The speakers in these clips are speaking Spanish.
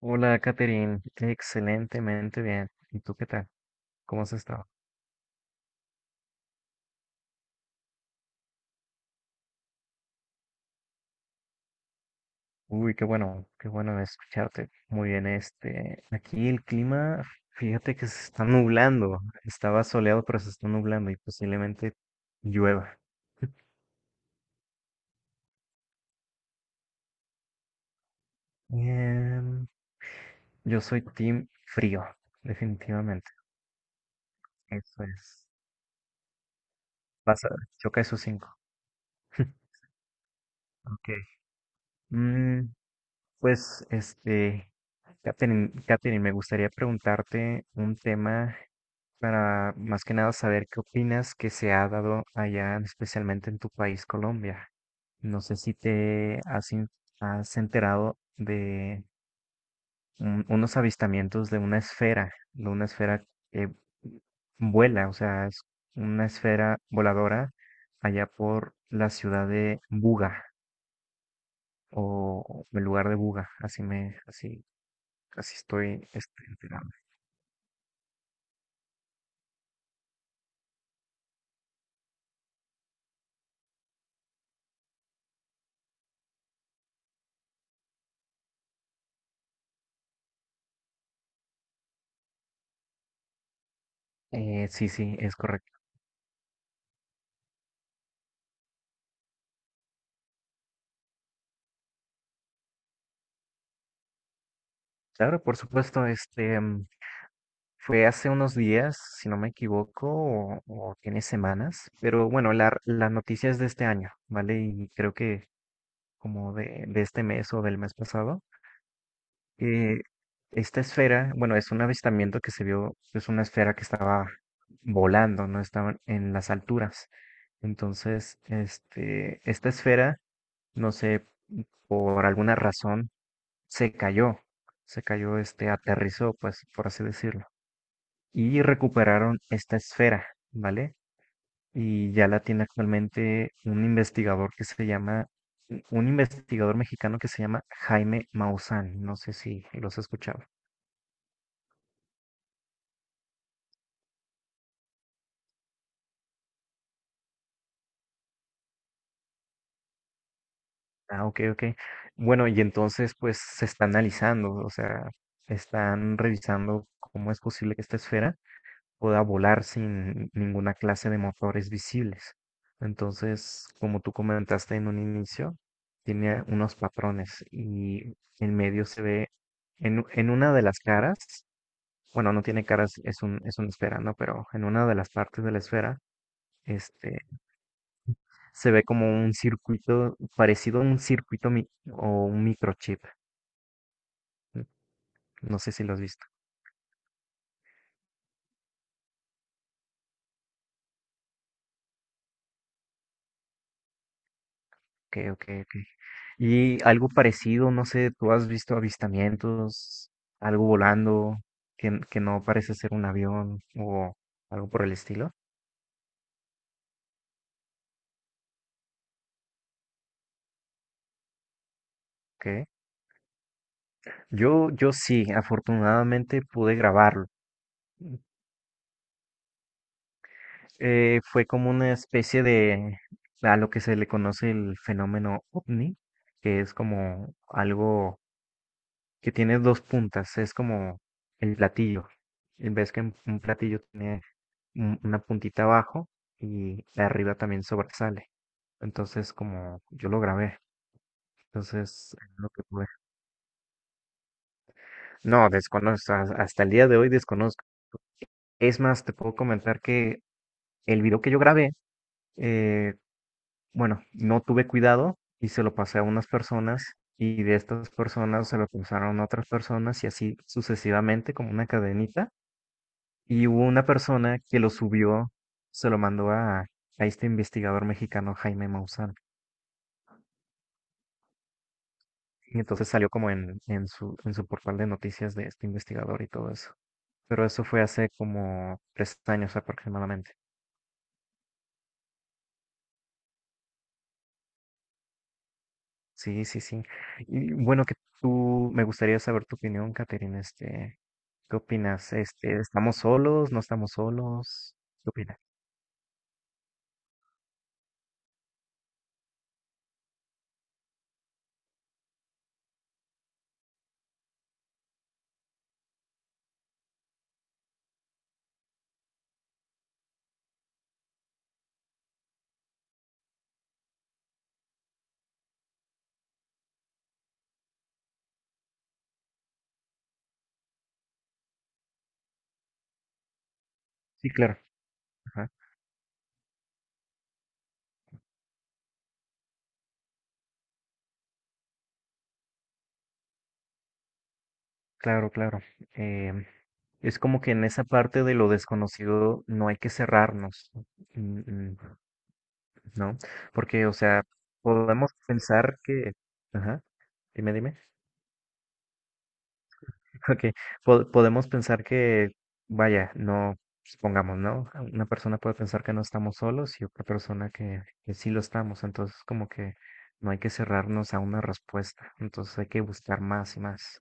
Hola, Catherine. Excelentemente bien. ¿Y tú qué tal? ¿Cómo has estado? Uy, qué bueno escucharte. Muy bien, aquí el clima, fíjate que se está nublando. Estaba soleado, pero se está nublando y posiblemente llueva. Em, yo soy team frío, definitivamente. Eso es. Vas Pasa, choca esos cinco. Ok. Mm, pues, este, Catherine, me gustaría preguntarte un tema para más que nada saber qué opinas que se ha dado allá, especialmente en tu país, Colombia. No sé si te has, has enterado de unos avistamientos de una esfera que vuela, o sea, es una esfera voladora allá por la ciudad de Buga o el lugar de Buga, así me, así, así estoy enterado. Sí, sí, es correcto. Claro, por supuesto, fue hace unos días, si no me equivoco, o tiene semanas, pero bueno, la noticia es de este año, ¿vale? Y creo que como de este mes o del mes pasado, que esta esfera, bueno, es un avistamiento que se vio, es una esfera que estaba volando, no estaba en las alturas. Entonces, esta esfera, no sé, por alguna razón, se cayó, se cayó, aterrizó, pues, por así decirlo, y recuperaron esta esfera, ¿vale? Y ya la tiene actualmente un investigador que se llama, un investigador mexicano que se llama Jaime Maussan. No sé si los has escuchado. Ah, ok, ok. Bueno, y entonces pues se está analizando, o sea, están revisando cómo es posible que esta esfera pueda volar sin ninguna clase de motores visibles. Entonces, como tú comentaste en un inicio, tiene unos patrones y en medio se ve, en una de las caras, bueno, no tiene caras, es una esfera, ¿no? Pero en una de las partes de la esfera, este, se ve como un circuito, parecido a un circuito mi- o un microchip. No sé si lo has visto. Ok, ok, y algo parecido, no sé, ¿tú has visto avistamientos, algo volando que no parece ser un avión o algo por el estilo? ¿Qué? Yo sí, afortunadamente pude grabarlo. Fue como una especie de a lo que se le conoce el fenómeno ovni, que es como algo que tiene dos puntas, es como el platillo. Y ves que un platillo tiene una puntita abajo y la arriba también sobresale. Entonces, como yo lo grabé, entonces es lo que pude. No, desconozco, hasta el día de hoy desconozco. Es más, te puedo comentar que el video que yo grabé, eh, bueno, no tuve cuidado y se lo pasé a unas personas y de estas personas se lo pasaron a otras personas y así sucesivamente como una cadenita. Y hubo una persona que lo subió, se lo mandó a este investigador mexicano Jaime Maussan. Y entonces salió como en su portal de noticias de este investigador y todo eso. Pero eso fue hace como 3 años aproximadamente. Sí, sí, sí. Y bueno, que tú, me gustaría saber tu opinión, Caterina. ¿Qué opinas? Este, ¿estamos solos? ¿No estamos solos? ¿Qué opinas? Sí, claro. Ajá. Claro, claro. Em, es como que en esa parte de lo desconocido no hay que cerrarnos, mm, mm, ¿no? Porque, o sea, podemos pensar que, ajá, dime, ok, podemos pensar que, vaya, no, supongamos, ¿no? Una persona puede pensar que no estamos solos y otra persona que sí lo estamos, entonces como que no hay que cerrarnos a una respuesta, entonces hay que buscar más y más.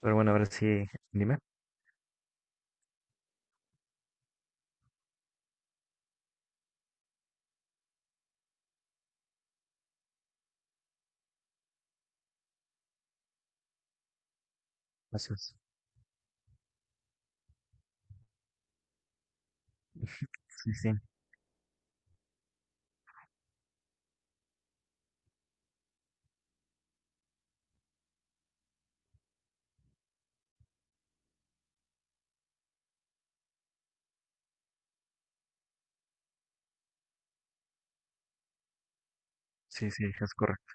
Pero bueno, a ver si, dime, gracias. Sí, sí, sí, es correcto.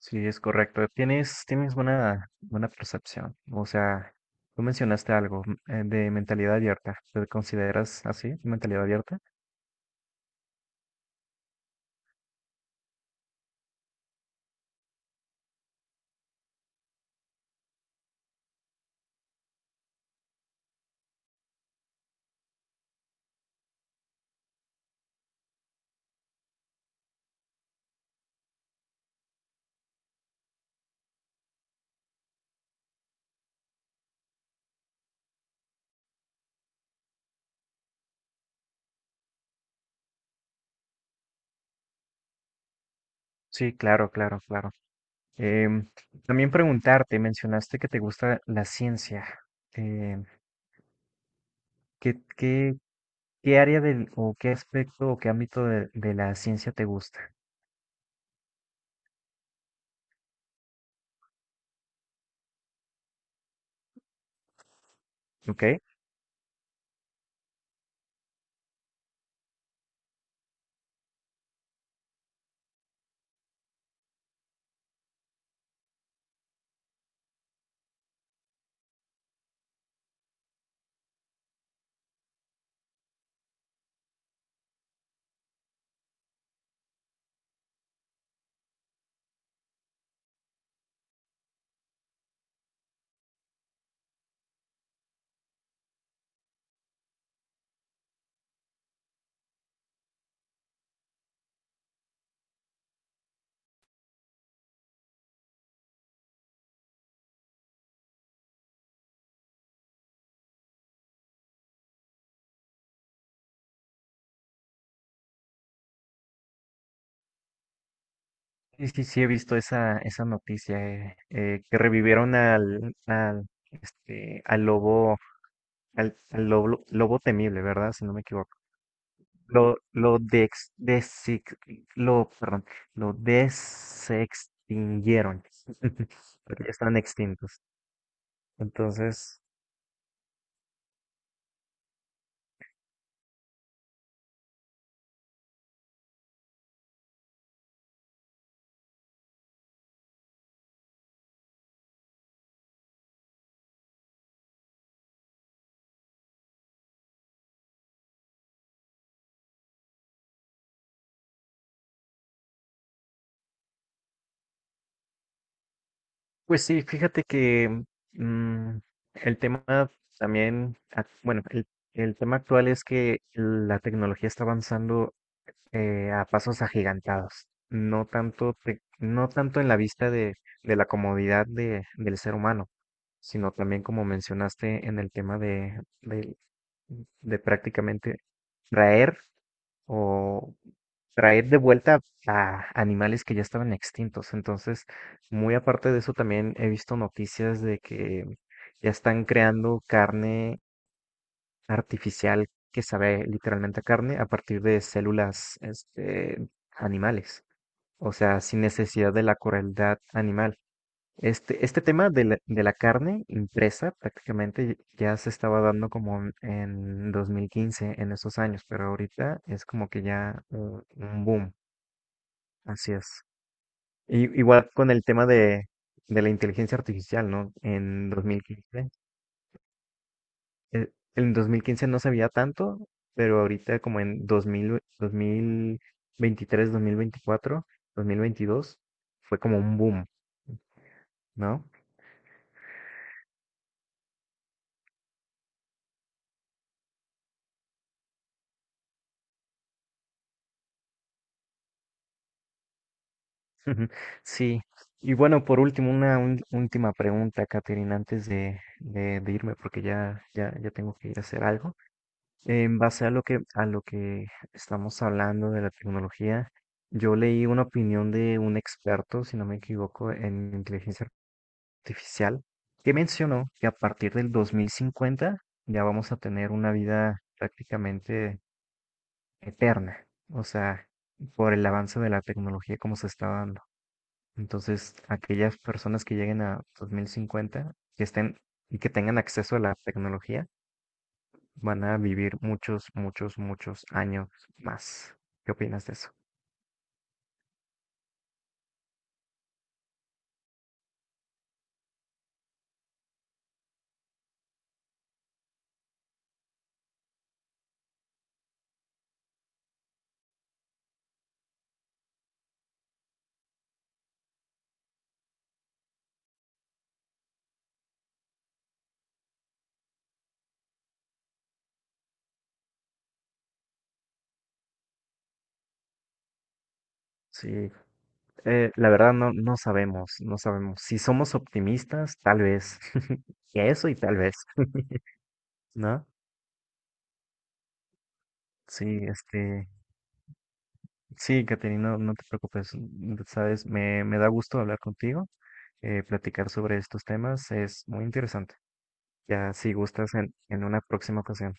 Sí, es correcto. Tienes buena, buena percepción. O sea, tú mencionaste algo de mentalidad abierta. ¿Te consideras así, mentalidad abierta? Sí, claro, claro, claro. Em, También preguntarte, mencionaste que te gusta la ciencia. Em, ¿Qué, qué, qué área del, o qué aspecto o qué ámbito de la ciencia te gusta? ¿Ok? Sí, sí, sí, he visto esa, esa noticia, que revivieron al lobo, al lobo, lobo temible, ¿verdad? Si no me equivoco. Lo, dex, desix- lo, perdón, lo desextinguieron. Porque ya están extintos. Entonces, pues sí, fíjate que mm, el tema también, el tema actual es que la tecnología está avanzando a pasos agigantados, no tanto en la vista de la comodidad del ser humano, sino también como mencionaste en el tema de prácticamente traer o traer de vuelta a animales que ya estaban extintos. Entonces, muy aparte de eso, también he visto noticias de que ya están creando carne artificial que sabe literalmente a carne a partir de células animales, o sea, sin necesidad de la crueldad animal. Este tema de de la carne impresa prácticamente ya se estaba dando como en 2015, en esos años, pero ahorita es como que ya un boom, así es. Y- igual con el tema de la inteligencia artificial, ¿no? En 2015 en 2015 no sabía tanto, pero ahorita como en 2000, 2023, 2024, 2022, fue como un boom, ¿no? Sí. Y bueno, por último, última pregunta, Caterina, antes de irme, porque ya tengo que ir a hacer algo. En base a lo que estamos hablando de la tecnología, yo leí una opinión de un experto, si no me equivoco, en inteligencia artificial que mencionó que a partir del 2050 ya vamos a tener una vida prácticamente eterna, o sea, por el avance de la tecnología como se está dando. Entonces, aquellas personas que lleguen a 2050, que estén y que tengan acceso a la tecnología, van a vivir muchos, muchos, muchos años más. ¿Qué opinas de eso? Sí, la verdad no, no sabemos, no sabemos. Si somos optimistas, tal vez. Eso y tal vez, ¿no? Sí, este, sí, Caterina, no, no te preocupes, mm, sabes, me da gusto hablar contigo, platicar sobre estos temas, es muy interesante. Ya si gustas en una próxima ocasión.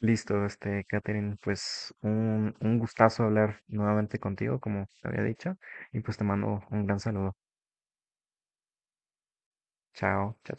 Listo, este, Catherine, pues un gustazo hablar nuevamente contigo, como te había dicho, y pues te mando un gran saludo. Chao, chao.